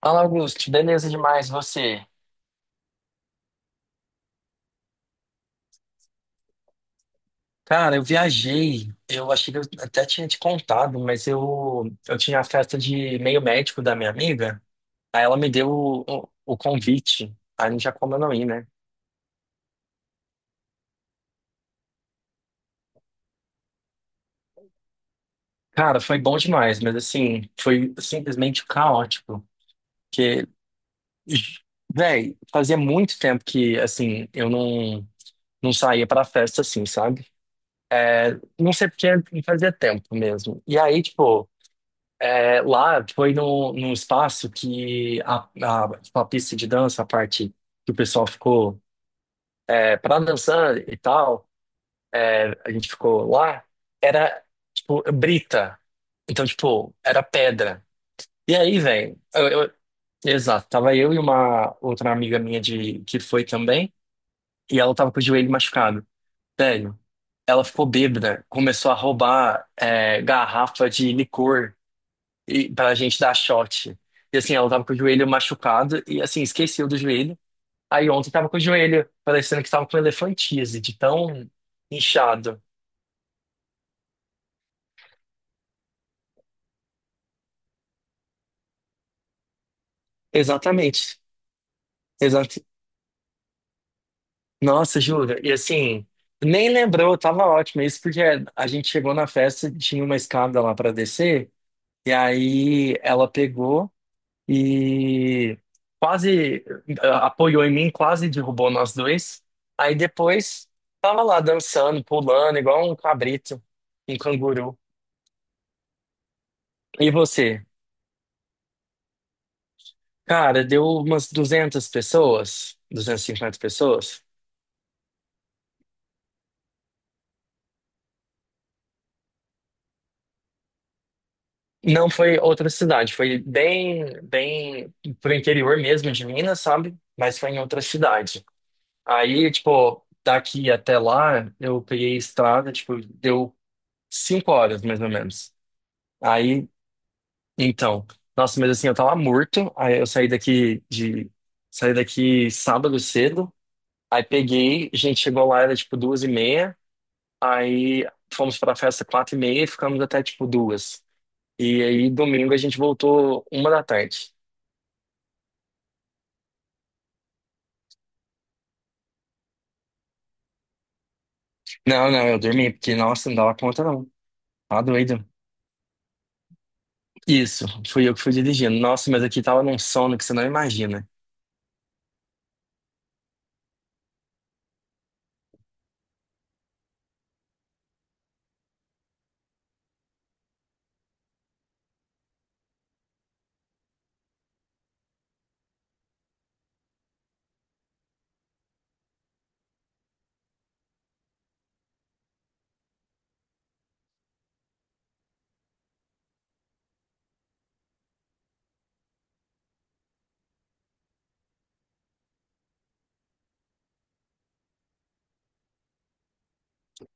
Fala, Augusto. Beleza demais, você? Cara, eu viajei. Eu achei que eu até tinha te contado, mas eu tinha a festa de meio médico da minha amiga. Aí ela me deu o convite. Aí não tinha como eu não ir, né? Cara, foi bom demais, mas assim, foi simplesmente caótico. Porque, véi, fazia muito tempo que, assim, eu não saía pra festa assim, sabe? É, não sei porque fazia tempo mesmo. E aí, tipo. É, lá foi num espaço que tipo, a pista de dança, a parte que o pessoal ficou é, para dançar e tal, é, a gente ficou lá, era tipo brita. Então, tipo, era pedra. E aí, velho, exato, tava eu e uma outra amiga minha de, que foi também, e ela tava com o joelho machucado. Velho, ela ficou bêbada, começou a roubar é, garrafa de licor e pra gente dar shot. E assim, ela tava com o joelho machucado e assim, esqueceu do joelho. Aí ontem tava com o joelho, parecendo que tava com elefantise, de tão inchado. Exatamente. Exato. Nossa, juro. E assim, nem lembrou, tava ótimo. Isso porque a gente chegou na festa, tinha uma escada lá pra descer, e aí ela pegou. E quase apoiou em mim, quase derrubou nós dois. Aí depois tava lá dançando, pulando, igual um cabrito, um canguru. E você? Cara, deu umas 200 pessoas, 250 pessoas. Não foi outra cidade, foi bem, bem pro interior mesmo de Minas, sabe? Mas foi em outra cidade. Aí, tipo, daqui até lá, eu peguei estrada, tipo, deu 5 horas mais ou menos. Aí então, nossa, mas assim, eu tava morto. Aí eu saí daqui de. Saí daqui sábado cedo. Aí peguei, a gente chegou lá, era tipo 2h30. Aí fomos pra festa 4h30 e ficamos até tipo duas. E aí domingo a gente voltou uma da tarde. Não, não, eu dormi, porque, nossa, não dava conta não. Tá doido. Isso, fui eu que fui dirigindo. Nossa, mas aqui tava num sono que você não imagina.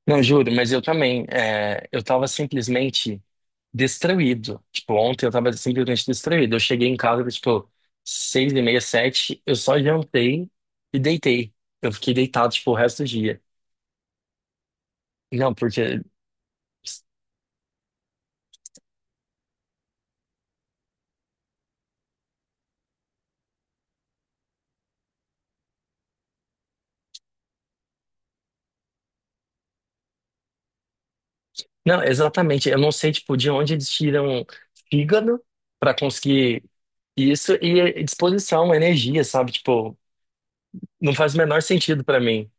Não, juro, mas eu também. É, eu tava simplesmente destruído. Tipo, ontem eu tava simplesmente destruído. Eu cheguei em casa, tipo, 6h30, sete. Eu só jantei e deitei. Eu fiquei deitado, tipo, o resto do dia. Não, porque. Não, exatamente. Eu não sei, tipo, de onde eles tiram fígado pra conseguir isso e disposição, energia, sabe? Tipo, não faz o menor sentido pra mim.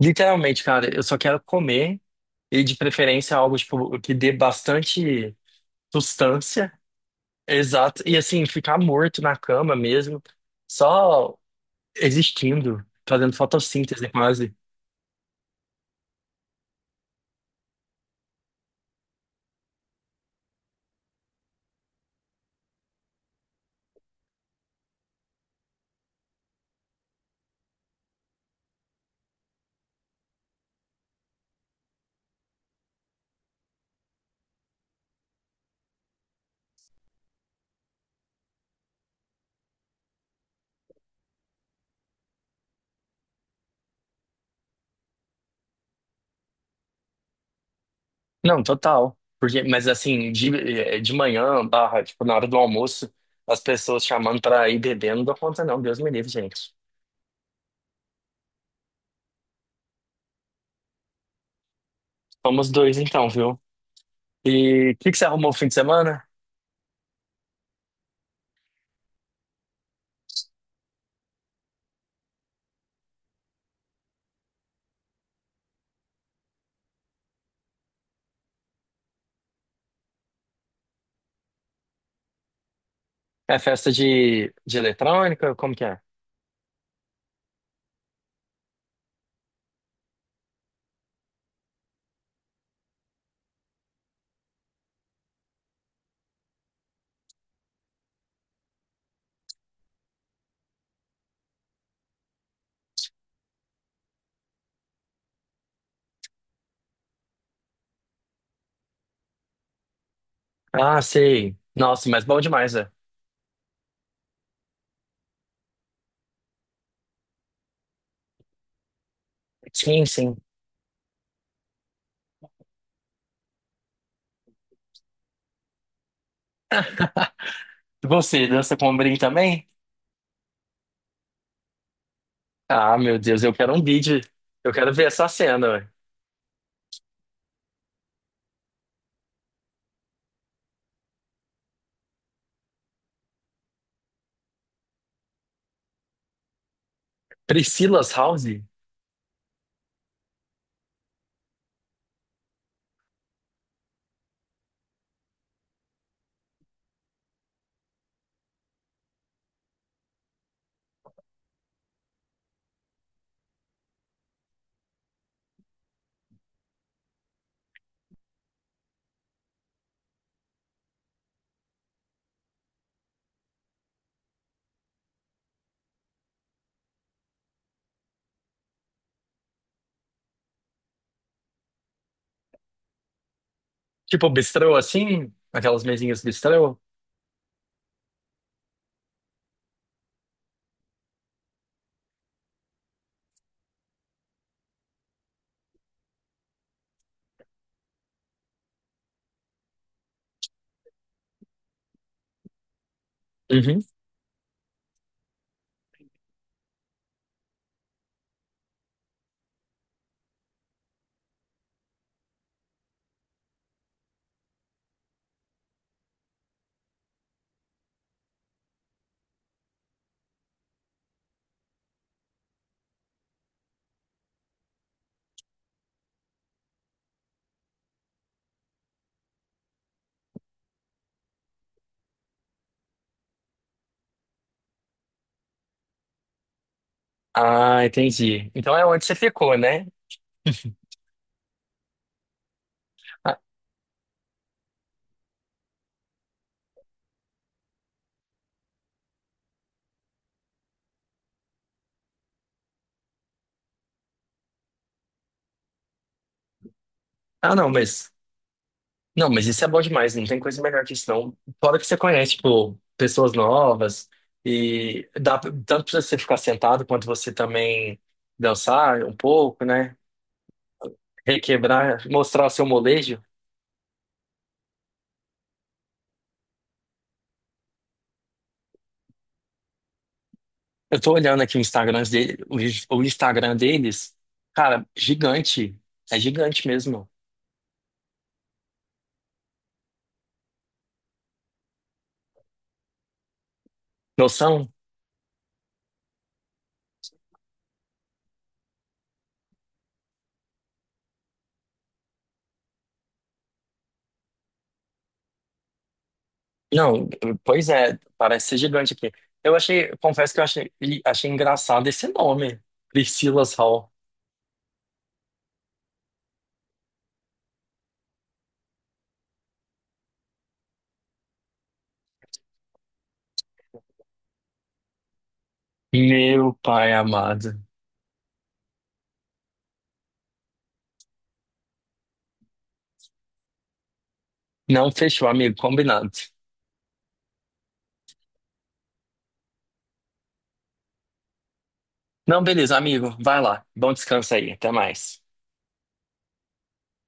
Literalmente, cara, eu só quero comer e de preferência algo tipo que dê bastante sustância. Exato. E assim, ficar morto na cama mesmo, só existindo, fazendo fotossíntese quase. Não, total. Porque, mas assim, de manhã, barra, tipo, na hora do almoço, as pessoas chamando pra ir bebendo não dou conta não, Deus me livre, gente. Somos dois então, viu? E o que que você arrumou o fim de semana? É festa de eletrônica? Como que é? Ah, sei. Nossa, mas bom demais, né? Sim, sim. Você dança com ombrinho também? Ah, meu Deus, eu quero um vídeo. Eu quero ver essa cena, ué. Priscila's House? Tipo bistrô assim? Aquelas mesinhas bistrô? Uhum. Ah, entendi. Então é onde você ficou, né? Ah, ah, não, mas. Não, mas isso é bom demais, não tem coisa melhor que isso, não. Fora que você conhece, tipo, pessoas novas, e dá tanto pra você ficar sentado quanto você também dançar um pouco, né? Requebrar, mostrar o seu molejo. Eu tô olhando aqui o Instagram dele, o Instagram deles, cara, gigante. É gigante mesmo. Noção? Não, pois é, parece ser gigante aqui. Eu achei, eu confesso que eu achei engraçado esse nome, Priscila's Hall. Meu pai amado. Não fechou, amigo, combinado. Não, beleza, amigo, vai lá. Bom descanso aí, até mais.